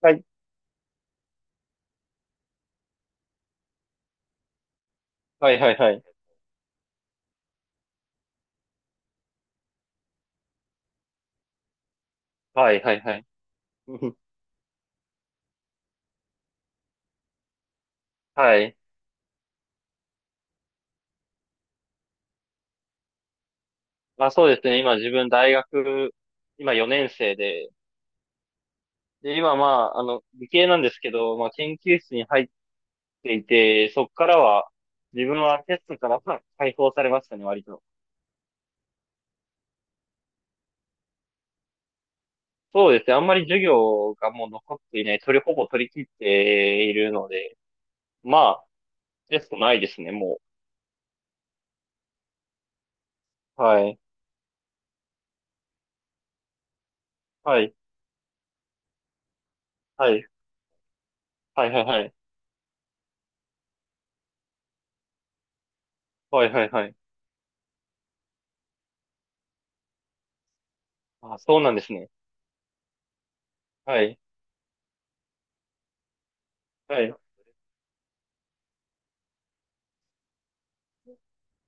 はい。はいはいはい。はいはいはい。うん。はい。まあそうですね。今自分大学、今4年生で、今まあ、理系なんですけど、まあ研究室に入っていて、そこからは、自分はテストからまあ解放されましたね、割と。そうですね。あんまり授業がもう残っていない。ほぼ取り切っているので、まあ、テストないですね、もう。はい。はい。はい。はいはいはい。はいはいはい。あ、そうなんですね。はい。はい。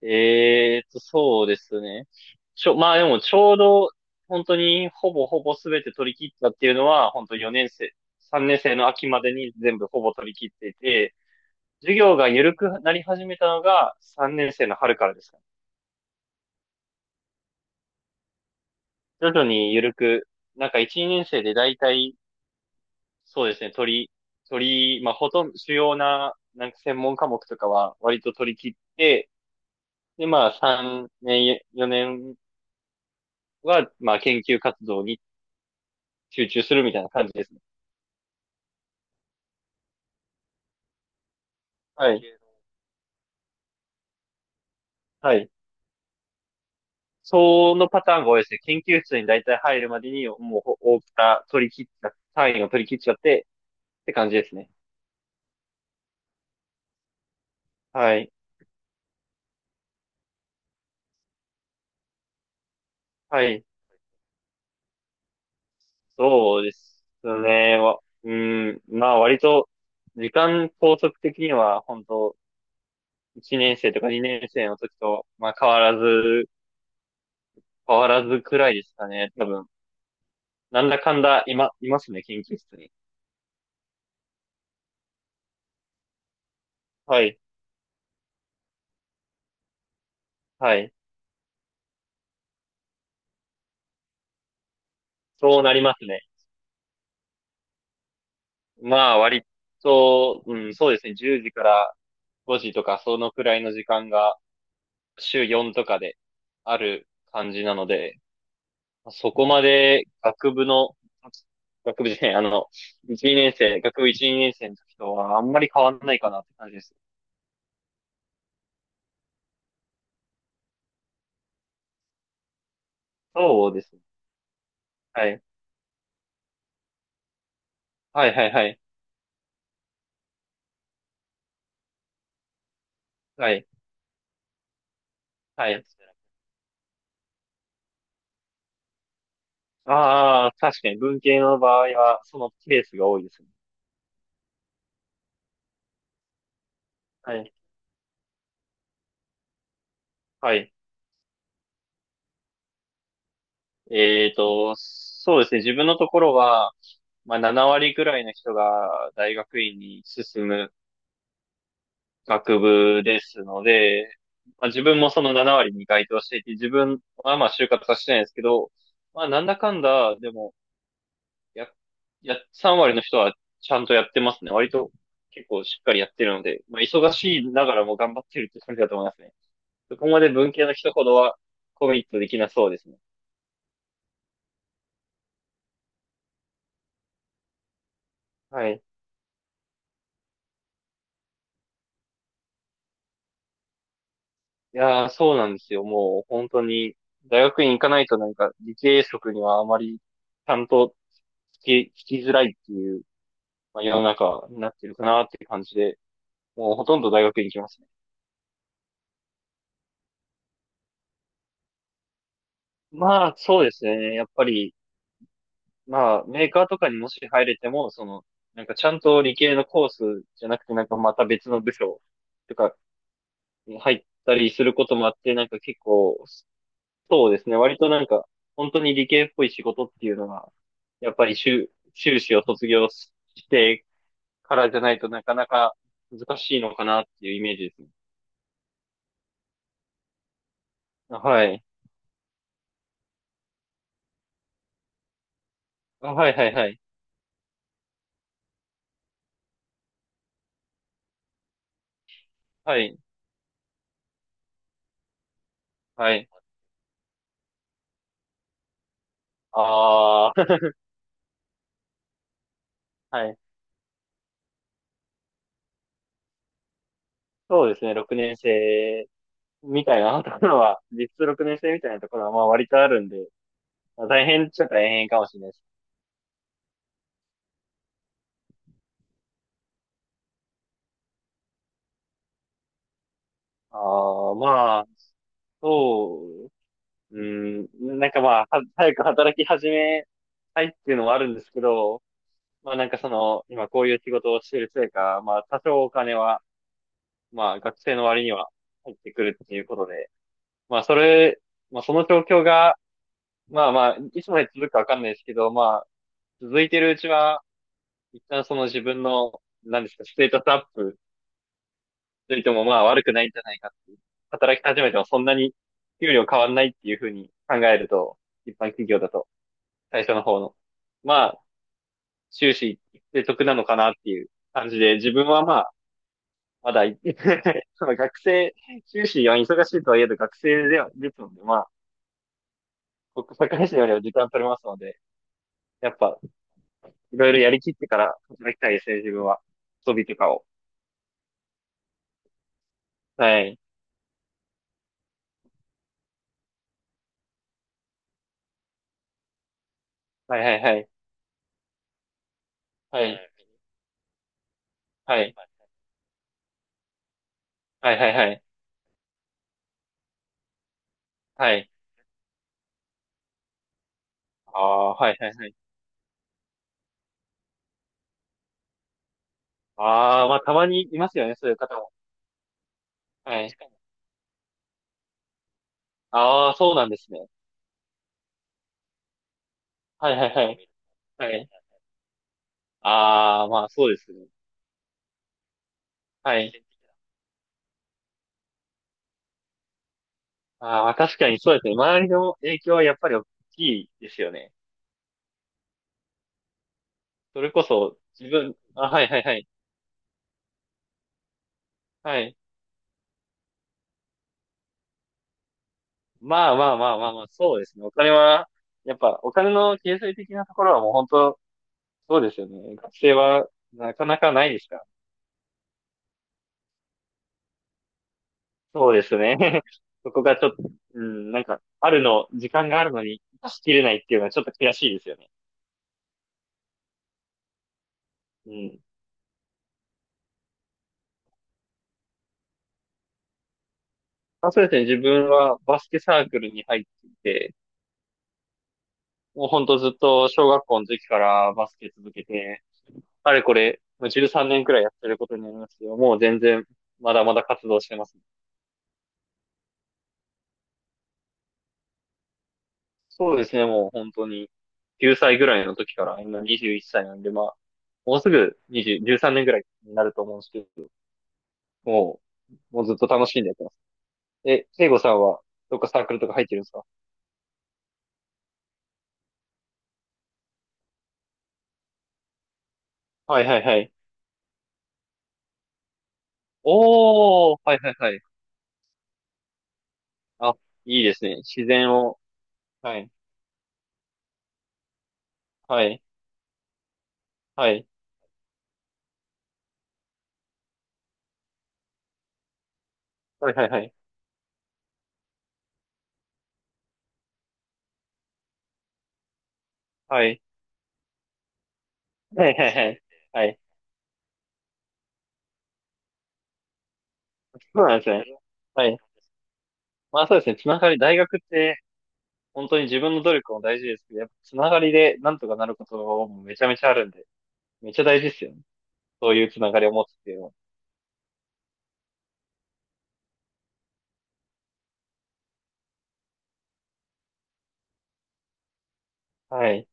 そうですね。まあでもちょうど、本当にほぼほぼ全て取り切ったっていうのは、本当4年生、3年生の秋までに全部ほぼ取り切っていて、授業が緩くなり始めたのが3年生の春からですかね。徐々に緩く、なんか1、年生で大体、そうですね、取り、取り、まあほとんど主要な、なんか専門科目とかは割と取り切って、でまあ3年、4年は、まあ研究活動に集中するみたいな感じですね。はい。はい。そのパターンが多いですね。研究室に大体入るまでに、もう、大きな取り切っちゃ、単位を取り切っちゃって、って感じですね。はい。はい。そうですね。うん。まあ、割と、時間拘束的には、本当1年生とか2年生の時と、まあ、変わらずくらいですかね。多分、なんだかんだ、今、いますね、研究室に。はい。はい。そうなりますね。まあ、割と、うん、そうですね。10時から5時とか、そのくらいの時間が週4とかである感じなので、そこまで学部の、学部じゃない、1、2年生、学部1、年生の時とはあんまり変わんないかなって感じです。そうですね。はい。はいはいはい。はい。はい。ああ、確かに文系の場合は、そのケースが多いですね。はい。はい。そうですね。自分のところは、まあ、7割くらいの人が大学院に進む学部ですので、まあ、自分もその7割に該当していて、自分はまあ就活はしてないんですけど、まあ、なんだかんだ、でも、や、3割の人はちゃんとやってますね。割と結構しっかりやってるので、まあ、忙しいながらも頑張ってるって感じだと思いますね。そこまで文系の人ほどはコミットできなそうですね。はい。いやー、そうなんですよ。もう本当に、大学院行かないとなんか理系職にはあまりちゃんと聞聞きづらいっていう、まあ、世の中になってるかなっていう感じで、もうほとんど大学院行きますね。まあ、そうですね。やっぱり、まあ、メーカーとかにもし入れても、その、なんかちゃんと理系のコースじゃなくて、なんかまた別の部署とかに入ったりすることもあって、なんか結構、そうですね。割となんか、本当に理系っぽい仕事っていうのが、やっぱり修士を卒業してからじゃないとなかなか難しいのかなっていうイメージですね。あ、はい。あ、はいはいはい。はい。はい。ああ、はい。そうですね。6年生みたいなところは、実質6年生みたいなところはまあ割とあるんで、まあ大変っちゃ大変かもしれないです。ああ、まあ、そううん、なんかまあ、早く働き始めたいっていうのはあるんですけど、まあなんかその、今こういう仕事をしているせいか、まあ多少お金は、まあ学生の割には入ってくるっていうことで、まあそれ、まあその状況が、まあまあ、いつまで続くかわかんないですけど、まあ、続いてるうちは、一旦その自分の、なんですか、ステータスアップといてもまあ悪くないんじゃないかっていう。働き始めてもそんなに給料変わんないっていうふうに考えると、一般企業だと。最初の方の。まあ、終始で得なのかなっていう感じで、自分はまあ、まだ、その学生、修士は忙しいとはいえど学生では、ですので、まあ、僕、堺市よりは時間取れますので、やっぱ、いろいろやりきってから働きたいですね、自分は。遊びとかを。はい。はいはいはい。はい。はい。はいはいはい。はい。ああ、はいはいはい。ああ、まあ、たまにいますよね、そういう方も。はい。ああ、そうなんですね。はいはいはい。はい。ああ、まあ、そうですね。はい。ああ、確かにそうですね。周りの影響はやっぱり大きいですよね。それこそ自分、あ、はいはいはい。はい。まあまあまあまあまあ、そうですね。お金は、やっぱお金の経済的なところはもう本当、そうですよね。学生はなかなかないですから。そうですね。そこがちょっと、うん、なんか、あるの、時間があるのに出し切れないっていうのはちょっと悔しいですよね。うん。まあ、そうですね。自分はバスケサークルに入っていて、もうほんとずっと小学校の時からバスケ続けて、あれこれ、もう13年くらいやってることになりますけど、もう全然、まだまだ活動してます。そうですね、もう本当に、9歳ぐらいの時から、今21歳なんで、まあ、もうすぐ20、13年ぐらいになると思うんですけど、ももうずっと楽しんでやってます。え、聖子さんは、どっかサークルとか入ってるんですか？はいはいはい。おー、はいはいはい。あ、いいですね。自然を、はい、はい、はい、はいはいはい。はい。はいはいはい。はい。そうなんですね。はい。まあそうですね。つながり、大学って本当に自分の努力も大事ですけど、やっぱつながりでなんとかなることもめちゃめちゃあるんで、めちゃ大事ですよね。そういうつながりを持つっていうのは。はい。